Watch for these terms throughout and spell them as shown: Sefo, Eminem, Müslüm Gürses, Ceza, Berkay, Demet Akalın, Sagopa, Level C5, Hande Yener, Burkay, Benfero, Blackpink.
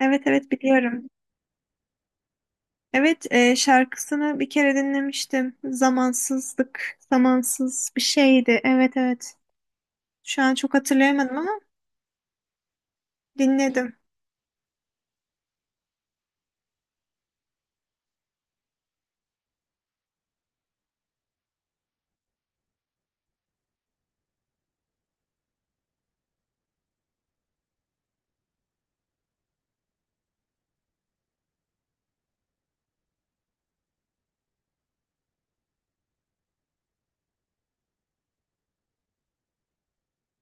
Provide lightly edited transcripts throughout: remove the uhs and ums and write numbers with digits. Evet evet biliyorum. Evet şarkısını bir kere dinlemiştim. Zamansızlık, zamansız bir şeydi. Evet evet. Şu an çok hatırlayamadım ama dinledim.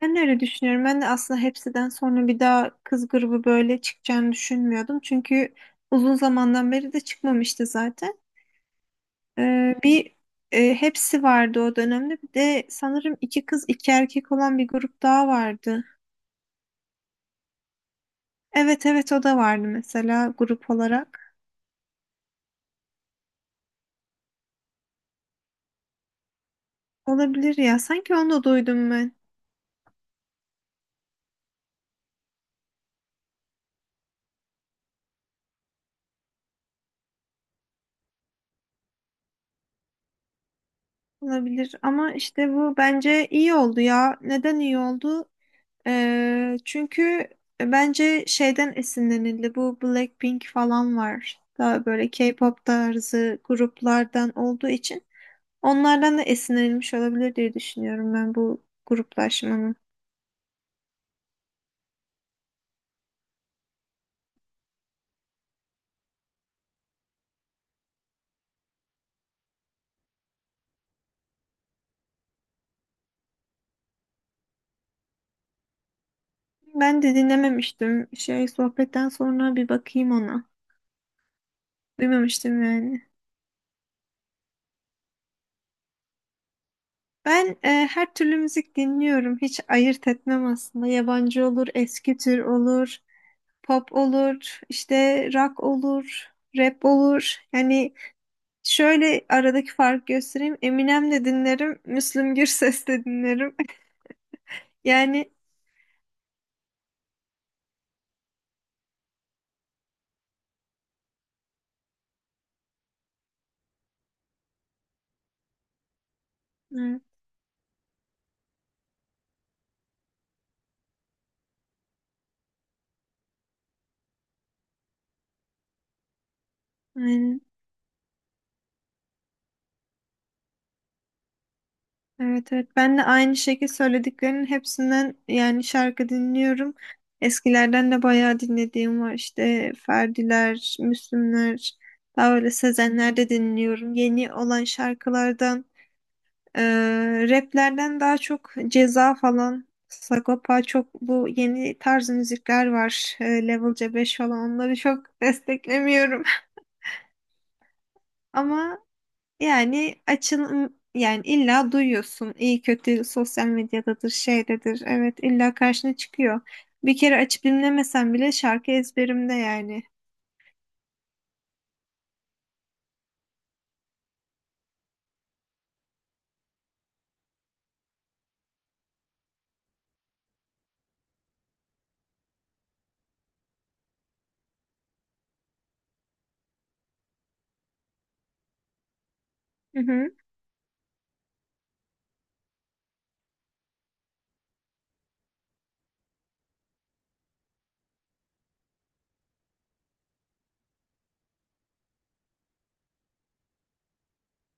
Ben de öyle düşünüyorum. Ben de aslında hepsiden sonra bir daha kız grubu böyle çıkacağını düşünmüyordum. Çünkü uzun zamandan beri de çıkmamıştı zaten. E, bir hepsi vardı o dönemde. Bir de sanırım iki kız iki erkek olan bir grup daha vardı. Evet evet o da vardı mesela grup olarak. Olabilir ya. Sanki onu da duydum ben. Olabilir ama işte bu bence iyi oldu ya. Neden iyi oldu? Çünkü bence şeyden esinlenildi. Bu Blackpink falan var. Daha böyle K-pop tarzı gruplardan olduğu için onlardan da esinlenilmiş olabilir diye düşünüyorum ben bu gruplaşmanın. Ben de dinlememiştim. Şey sohbetten sonra bir bakayım ona. Duymamıştım yani. Ben her türlü müzik dinliyorum. Hiç ayırt etmem aslında. Yabancı olur, eski tür olur, pop olur, işte rock olur, rap olur. Yani şöyle aradaki farkı göstereyim. Eminem de dinlerim, Müslüm Gürses de dinlerim. Yani evet, aynen. Evet evet ben de aynı şekilde söylediklerinin hepsinden yani şarkı dinliyorum. Eskilerden de bayağı dinlediğim var işte Ferdiler, Müslümler, daha öyle Sezenler de dinliyorum. Yeni olan şarkılardan, e, raplerden daha çok Ceza falan, Sagopa çok bu yeni tarz müzikler var. Level C5 falan onları çok desteklemiyorum. Ama yani açın yani illa duyuyorsun. İyi kötü sosyal medyadadır, şeydedir. Evet illa karşına çıkıyor. Bir kere açıp dinlemesen bile şarkı ezberimde yani. Hı hı,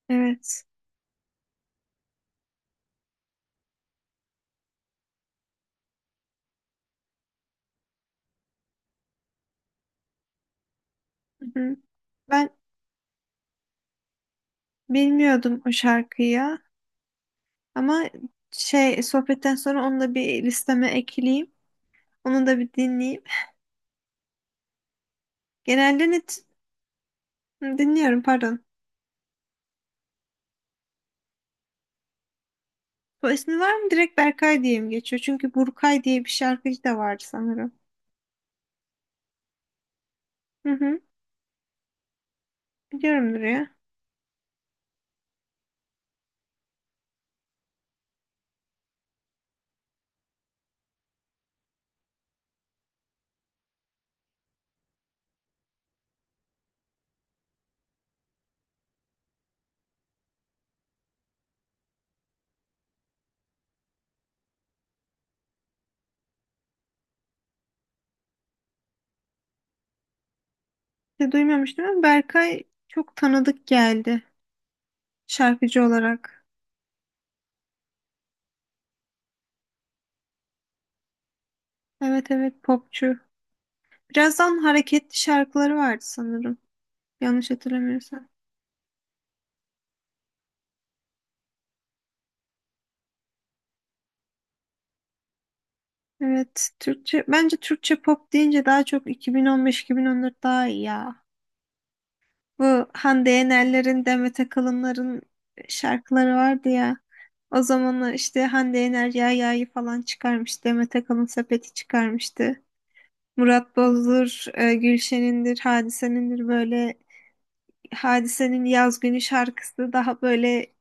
evet. Hı hı. Ben bilmiyordum o şarkıyı ya, ama şey sohbetten sonra onu da bir listeme ekleyeyim. Onu da bir dinleyeyim. Genelde net dinliyorum, pardon. Bu ismi var mı? Direkt Berkay diye mi geçiyor? Çünkü Burkay diye bir şarkıcı da vardı sanırım. Hı hı. Biliyorumdur ya. De duymamıştım ama Berkay çok tanıdık geldi şarkıcı olarak. Evet evet popçu. Birazdan hareketli şarkıları vardı sanırım. Yanlış hatırlamıyorsam. Evet, Türkçe bence Türkçe pop deyince daha çok 2015-2014 daha iyi ya. Bu Hande Yener'lerin, Demet Akalın'ların şarkıları vardı ya. O zamanlar işte Hande Yener Yahya'yı falan çıkarmış. Demet Akalın sepeti çıkarmıştı. Murat Boz'dur, Gülşen'indir, Hadise'nindir, böyle Hadise'nin Yaz Günü şarkısı daha böyle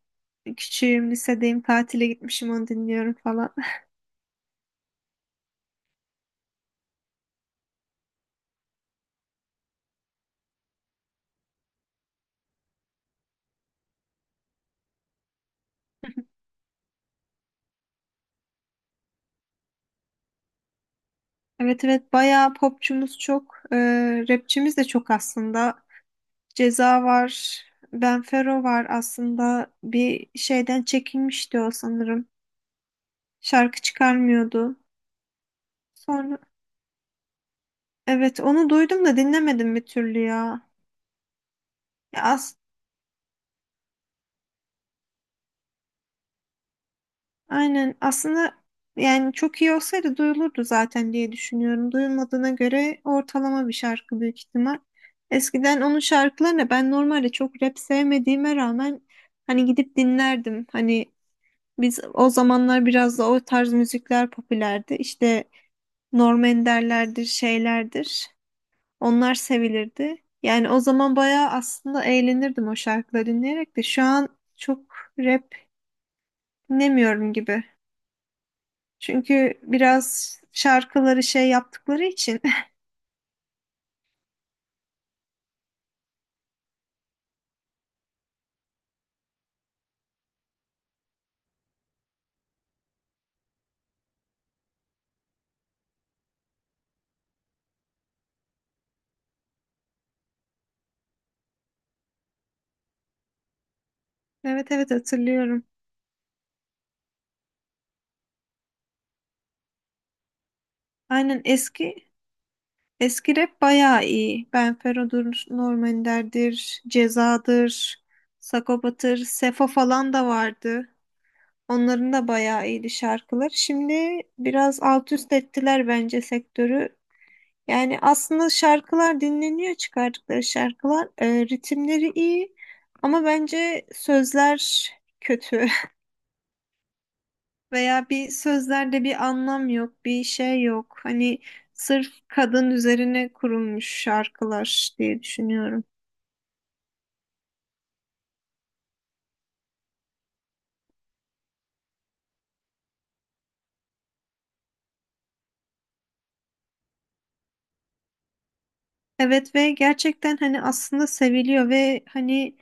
küçüğüm lisedeyim tatile gitmişim onu dinliyorum falan. Evet evet bayağı popçumuz çok. Rapçimiz de çok aslında. Ceza var. Benfero var aslında. Bir şeyden çekinmişti o sanırım. Şarkı çıkarmıyordu. Sonra evet onu duydum da dinlemedim bir türlü ya. Ya as- Aynen aslında yani çok iyi olsaydı duyulurdu zaten diye düşünüyorum. Duyulmadığına göre ortalama bir şarkı büyük ihtimal. Eskiden onun şarkılarını ben normalde çok rap sevmediğime rağmen hani gidip dinlerdim. Hani biz o zamanlar biraz da o tarz müzikler popülerdi. İşte Norm Ender'lerdir, şeylerdir. Onlar sevilirdi. Yani o zaman bayağı aslında eğlenirdim o şarkıları dinleyerek de şu an çok rap dinlemiyorum gibi. Çünkü biraz şarkıları şey yaptıkları için. Evet evet hatırlıyorum. Aynen eski eski rap bayağı iyi. Benfero'dur, Norm Ender'dir, Ceza'dır, Sagopa'dır, Sefo falan da vardı. Onların da bayağı iyiydi şarkılar. Şimdi biraz alt üst ettiler bence sektörü. Yani aslında şarkılar dinleniyor çıkardıkları şarkılar. Ritimleri iyi ama bence sözler kötü. Veya bir sözlerde bir anlam yok, bir şey yok. Hani sırf kadın üzerine kurulmuş şarkılar diye düşünüyorum. Evet ve gerçekten hani aslında seviliyor ve hani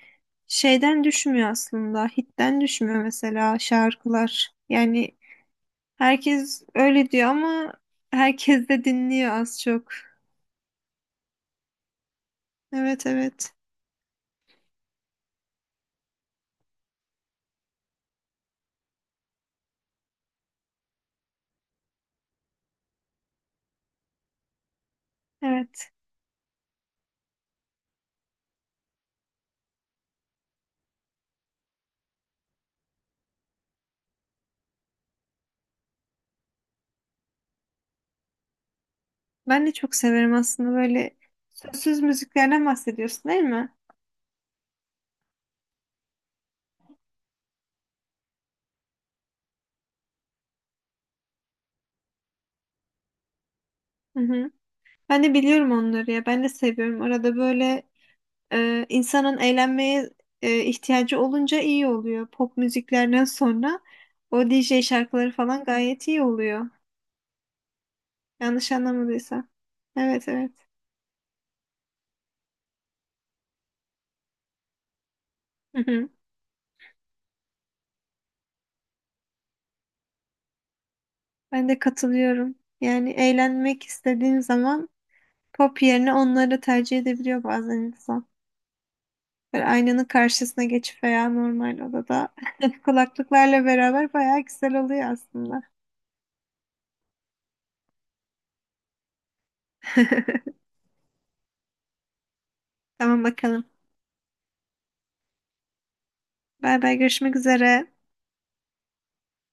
şeyden düşmüyor aslında. Hitten düşmüyor mesela şarkılar. Yani herkes öyle diyor ama herkes de dinliyor az çok. Evet evet. Evet. Ben de çok severim aslında böyle sözsüz müziklerden bahsediyorsun değil mi? Hı hı. Ben de biliyorum onları ya. Ben de seviyorum. Arada böyle insanın eğlenmeye ihtiyacı olunca iyi oluyor. Pop müziklerden sonra o DJ şarkıları falan gayet iyi oluyor. Yanlış anlamadıysam. Evet evet. Hı hı. Ben de katılıyorum. Yani eğlenmek istediğin zaman pop yerine onları tercih edebiliyor bazen insan. Böyle aynanın karşısına geçip veya normal odada kulaklıklarla beraber bayağı güzel oluyor aslında. Tamam bakalım. Bay bay, görüşmek üzere.